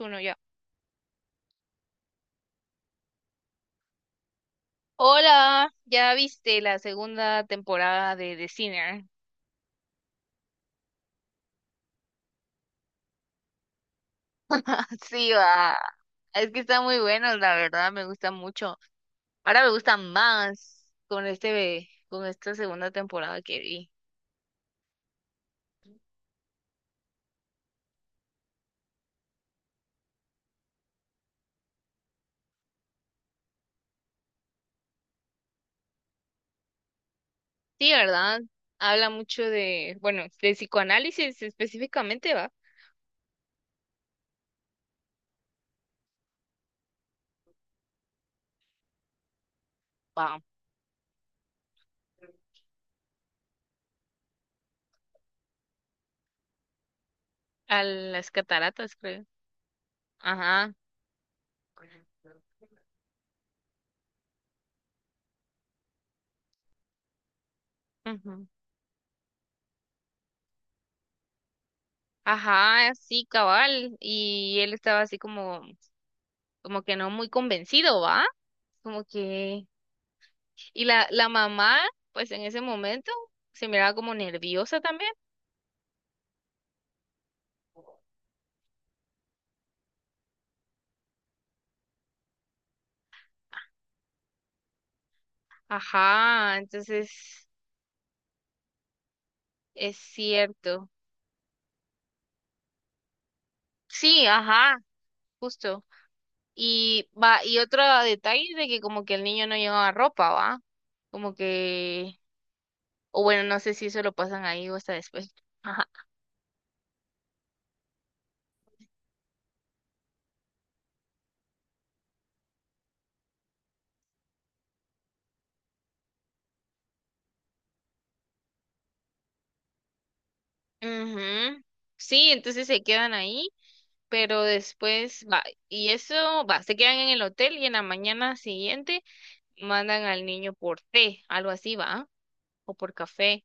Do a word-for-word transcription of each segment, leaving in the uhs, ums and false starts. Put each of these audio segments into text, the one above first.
Uno ya. Hola, ¿ya viste la segunda temporada de The Sinner? Ah, sí, va. Es que está muy bueno, la verdad, me gusta mucho. Ahora me gusta más con este, con esta segunda temporada que vi. Sí, ¿verdad? Habla mucho de, bueno, de psicoanálisis específicamente, va. Va. A las cataratas, creo. Ajá. Ujú. Ajá, sí, cabal. Y él estaba así como, como que no muy convencido, ¿va? Como que... Y la, la mamá, pues en ese momento, se miraba como nerviosa también. Ajá, entonces es cierto. Sí, ajá, justo. Y va, y otro detalle de que como que el niño no llevaba ropa, ¿va? Como que, o bueno, no sé si eso lo pasan ahí o hasta después. Ajá. Ujú. Sí, entonces se quedan ahí, pero después va, y eso va, se quedan en el hotel y en la mañana siguiente mandan al niño por té, algo así, ¿va? O por café.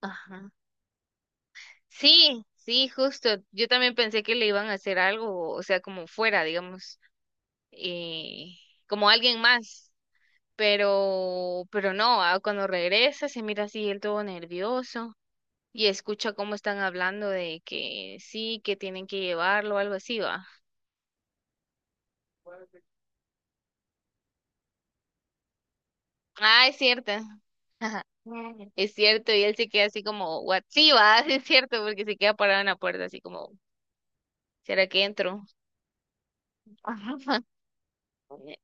Ajá. Sí, sí, justo. Yo también pensé que le iban a hacer algo, o sea, como fuera, digamos, eh, como alguien más. Pero, pero no, ah, cuando regresa se mira así él todo nervioso y escucha cómo están hablando de que sí, que tienen que llevarlo, algo así, ¿va? Ah, es cierto. Ajá. Es cierto, y él se queda así como, ¿what? Sí, va, sí es cierto, porque se queda parado en la puerta así como, ¿será que entro?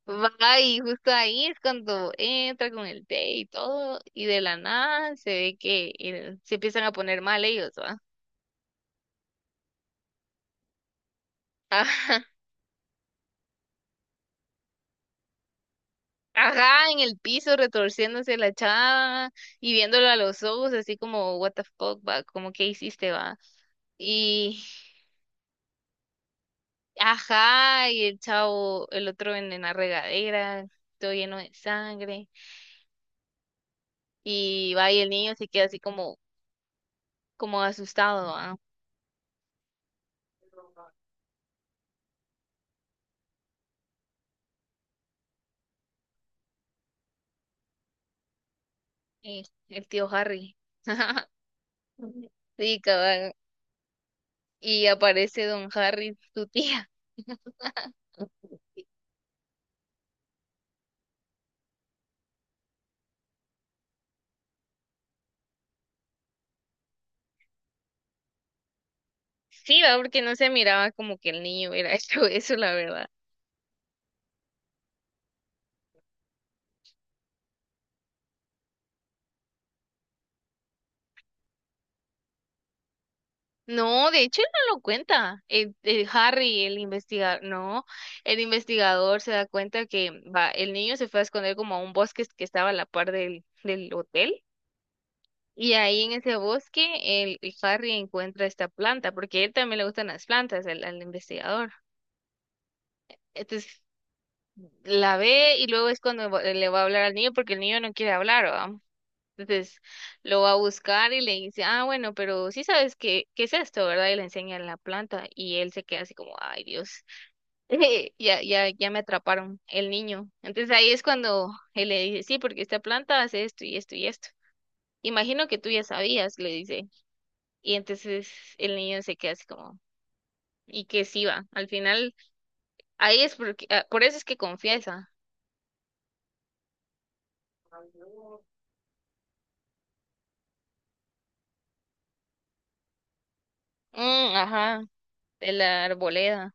Va, y justo ahí es cuando entra con el té y todo, y de la nada se ve que el- se empiezan a poner mal ellos, ¿va? Ajá, ajá, en el piso retorciéndose la chava y viéndolo a los ojos así como, what the fuck, va, como, ¿qué hiciste, va? Ajá, y el chavo, el otro en, en la regadera, todo lleno de sangre, y va y el niño se queda así como, como asustado, ah. El, el tío Harry. Sí, cabal. Y aparece don Harry, tu tía. Sí, va, porque no se miraba como que el niño hubiera hecho eso, la verdad. No, de hecho él no lo cuenta. El, el Harry, el investigador, no, el investigador se da cuenta que va, el niño se fue a esconder como a un bosque que estaba a la par del, del hotel. Y ahí en ese bosque el, el Harry encuentra esta planta, porque a él también le gustan las plantas, al, al investigador. Entonces la ve y luego es cuando va- le va a hablar al niño, porque el niño no quiere hablar, ¿va? Entonces lo va a buscar y le dice, ah, bueno, pero sí sabes qué, qué es esto, ¿verdad? Y le enseña la planta y él se queda así como, ay, Dios, ya, ya, ya me atraparon el niño. Entonces ahí es cuando él le dice, sí, porque esta planta hace esto y esto y esto. Imagino que tú ya sabías, le dice. Y entonces el niño se queda así como, y que sí va. Al final, ahí es porque, ah, por eso es que confiesa. Mm, ajá, de la arboleda.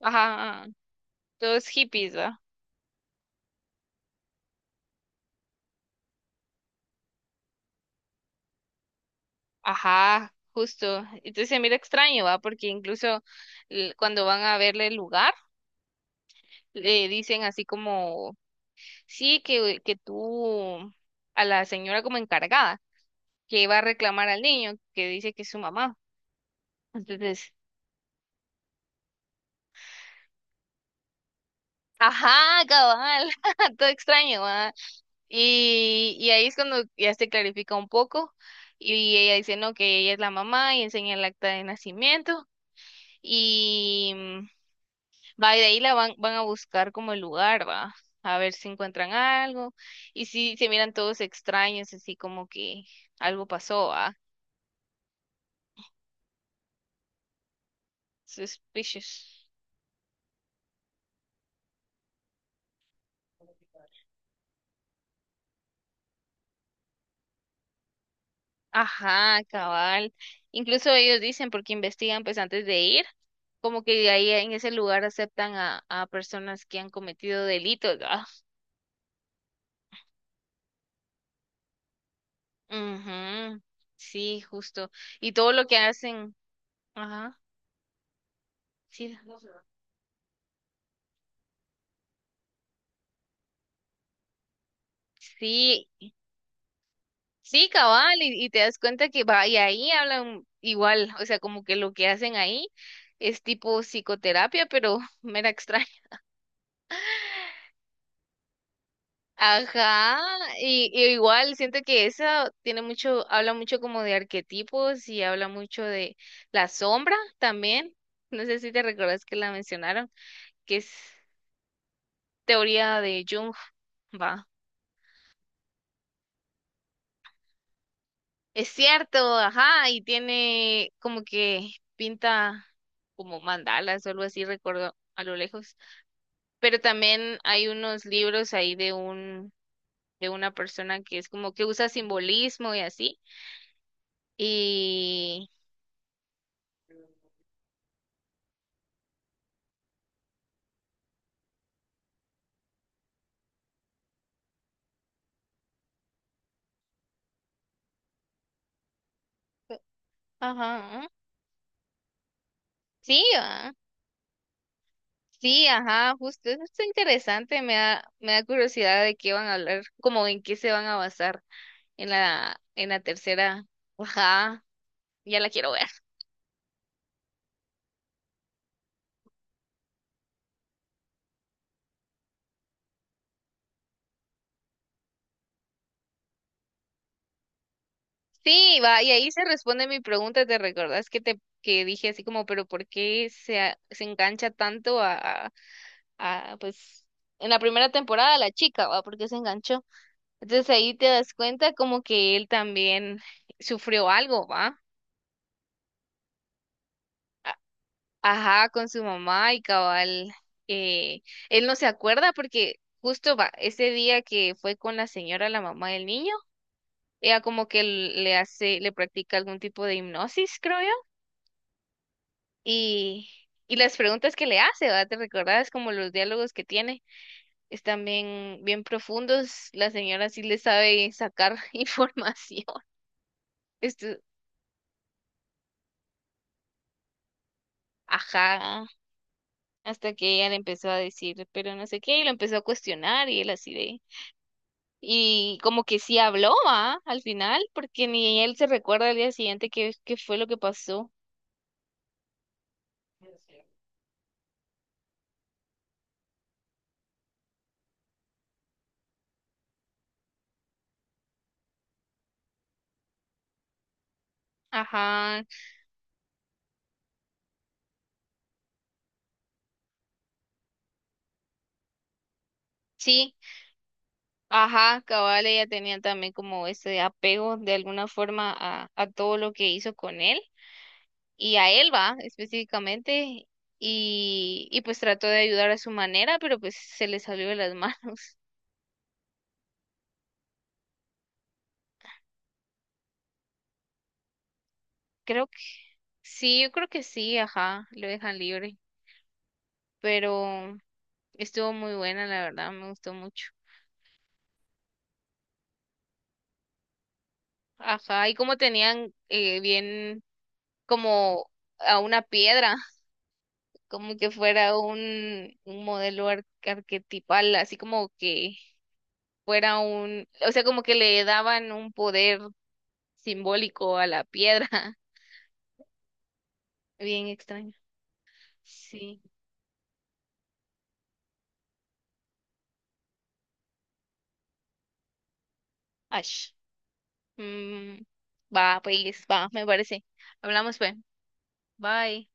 Ajá, todos hippies, ¿va? Ajá, justo. Entonces se mira extraño, ¿va? Porque incluso eh, cuando van a verle el lugar, le dicen así como, sí, que, que tú, a la señora como encargada, que iba a reclamar al niño, que dice que es su mamá. Entonces, ajá, cabal, todo extraño, ¿va? Y, y ahí es cuando ya se clarifica un poco. Y ella dice, no, que ella es la mamá y enseña el acta de nacimiento. Y va, y de ahí la van, van a buscar como el lugar, va, a ver si encuentran algo. Y si se miran todos extraños, así como que algo pasó, va. Suspicious. Ajá, cabal. Incluso ellos dicen, porque investigan pues antes de ir, como que ahí en ese lugar aceptan a, a personas que han cometido delitos, ¿verdad? Ujú, sí, justo. Y todo lo que hacen, ajá, sí. Sí, sí, cabal, y, y te das cuenta que va, y ahí hablan igual, o sea, como que lo que hacen ahí es tipo psicoterapia, pero mera extraña. Ajá, y, y igual siento que esa tiene mucho, habla mucho como de arquetipos y habla mucho de la sombra también. No sé si te recuerdas que la mencionaron, que es teoría de Jung, va. Es cierto, ajá, y tiene como que pinta como mandalas o algo así, recuerdo a lo lejos. Pero también hay unos libros ahí de un, de una persona que es como que usa simbolismo y así. Y ajá, sí, ah, sí, ajá, justo, eso está interesante, me da, me da curiosidad de qué van a hablar, como en qué se van a basar en la, en la tercera, ajá, ya la quiero ver. Sí, va, y ahí se responde mi pregunta, ¿te recordás que te que dije así como, pero ¿por qué se, a- se engancha tanto a, a, pues, en la primera temporada la chica, ¿va? Porque se enganchó. Entonces ahí te das cuenta como que él también sufrió algo, ¿va? A- Ajá, con su mamá y cabal, eh, él no se acuerda porque justo va, ese día que fue con la señora, la mamá del niño, ella como que le hace, le practica algún tipo de hipnosis, creo yo, y, y las preguntas que le hace, ¿va? ¿Te recordás como los diálogos que tiene? Están bien, bien profundos. La señora sí le sabe sacar información. Esto, ajá, hasta que ella le empezó a decir, pero no sé qué, y lo empezó a cuestionar y él así de... Y como que sí habló, ¿va? Al final, porque ni él se recuerda al día siguiente qué, qué fue lo que pasó. Ajá, sí, ajá, cabal, ella tenía también como ese apego de alguna forma a, a todo lo que hizo con él. Y a él va específicamente y, y pues trató de ayudar a su manera, pero pues se le salió de las manos. Creo que sí, yo creo que sí, ajá, lo dejan libre, pero estuvo muy buena, la verdad, me gustó mucho. Ajá, y como tenían eh, bien como a una piedra, como que fuera un, un modelo ar- arquetipal, así como que fuera un, o sea, como que le daban un poder simbólico a la piedra. Bien extraño. Sí. Ash. Mm, va, pues, va, me parece. Hablamos, pues. Bye.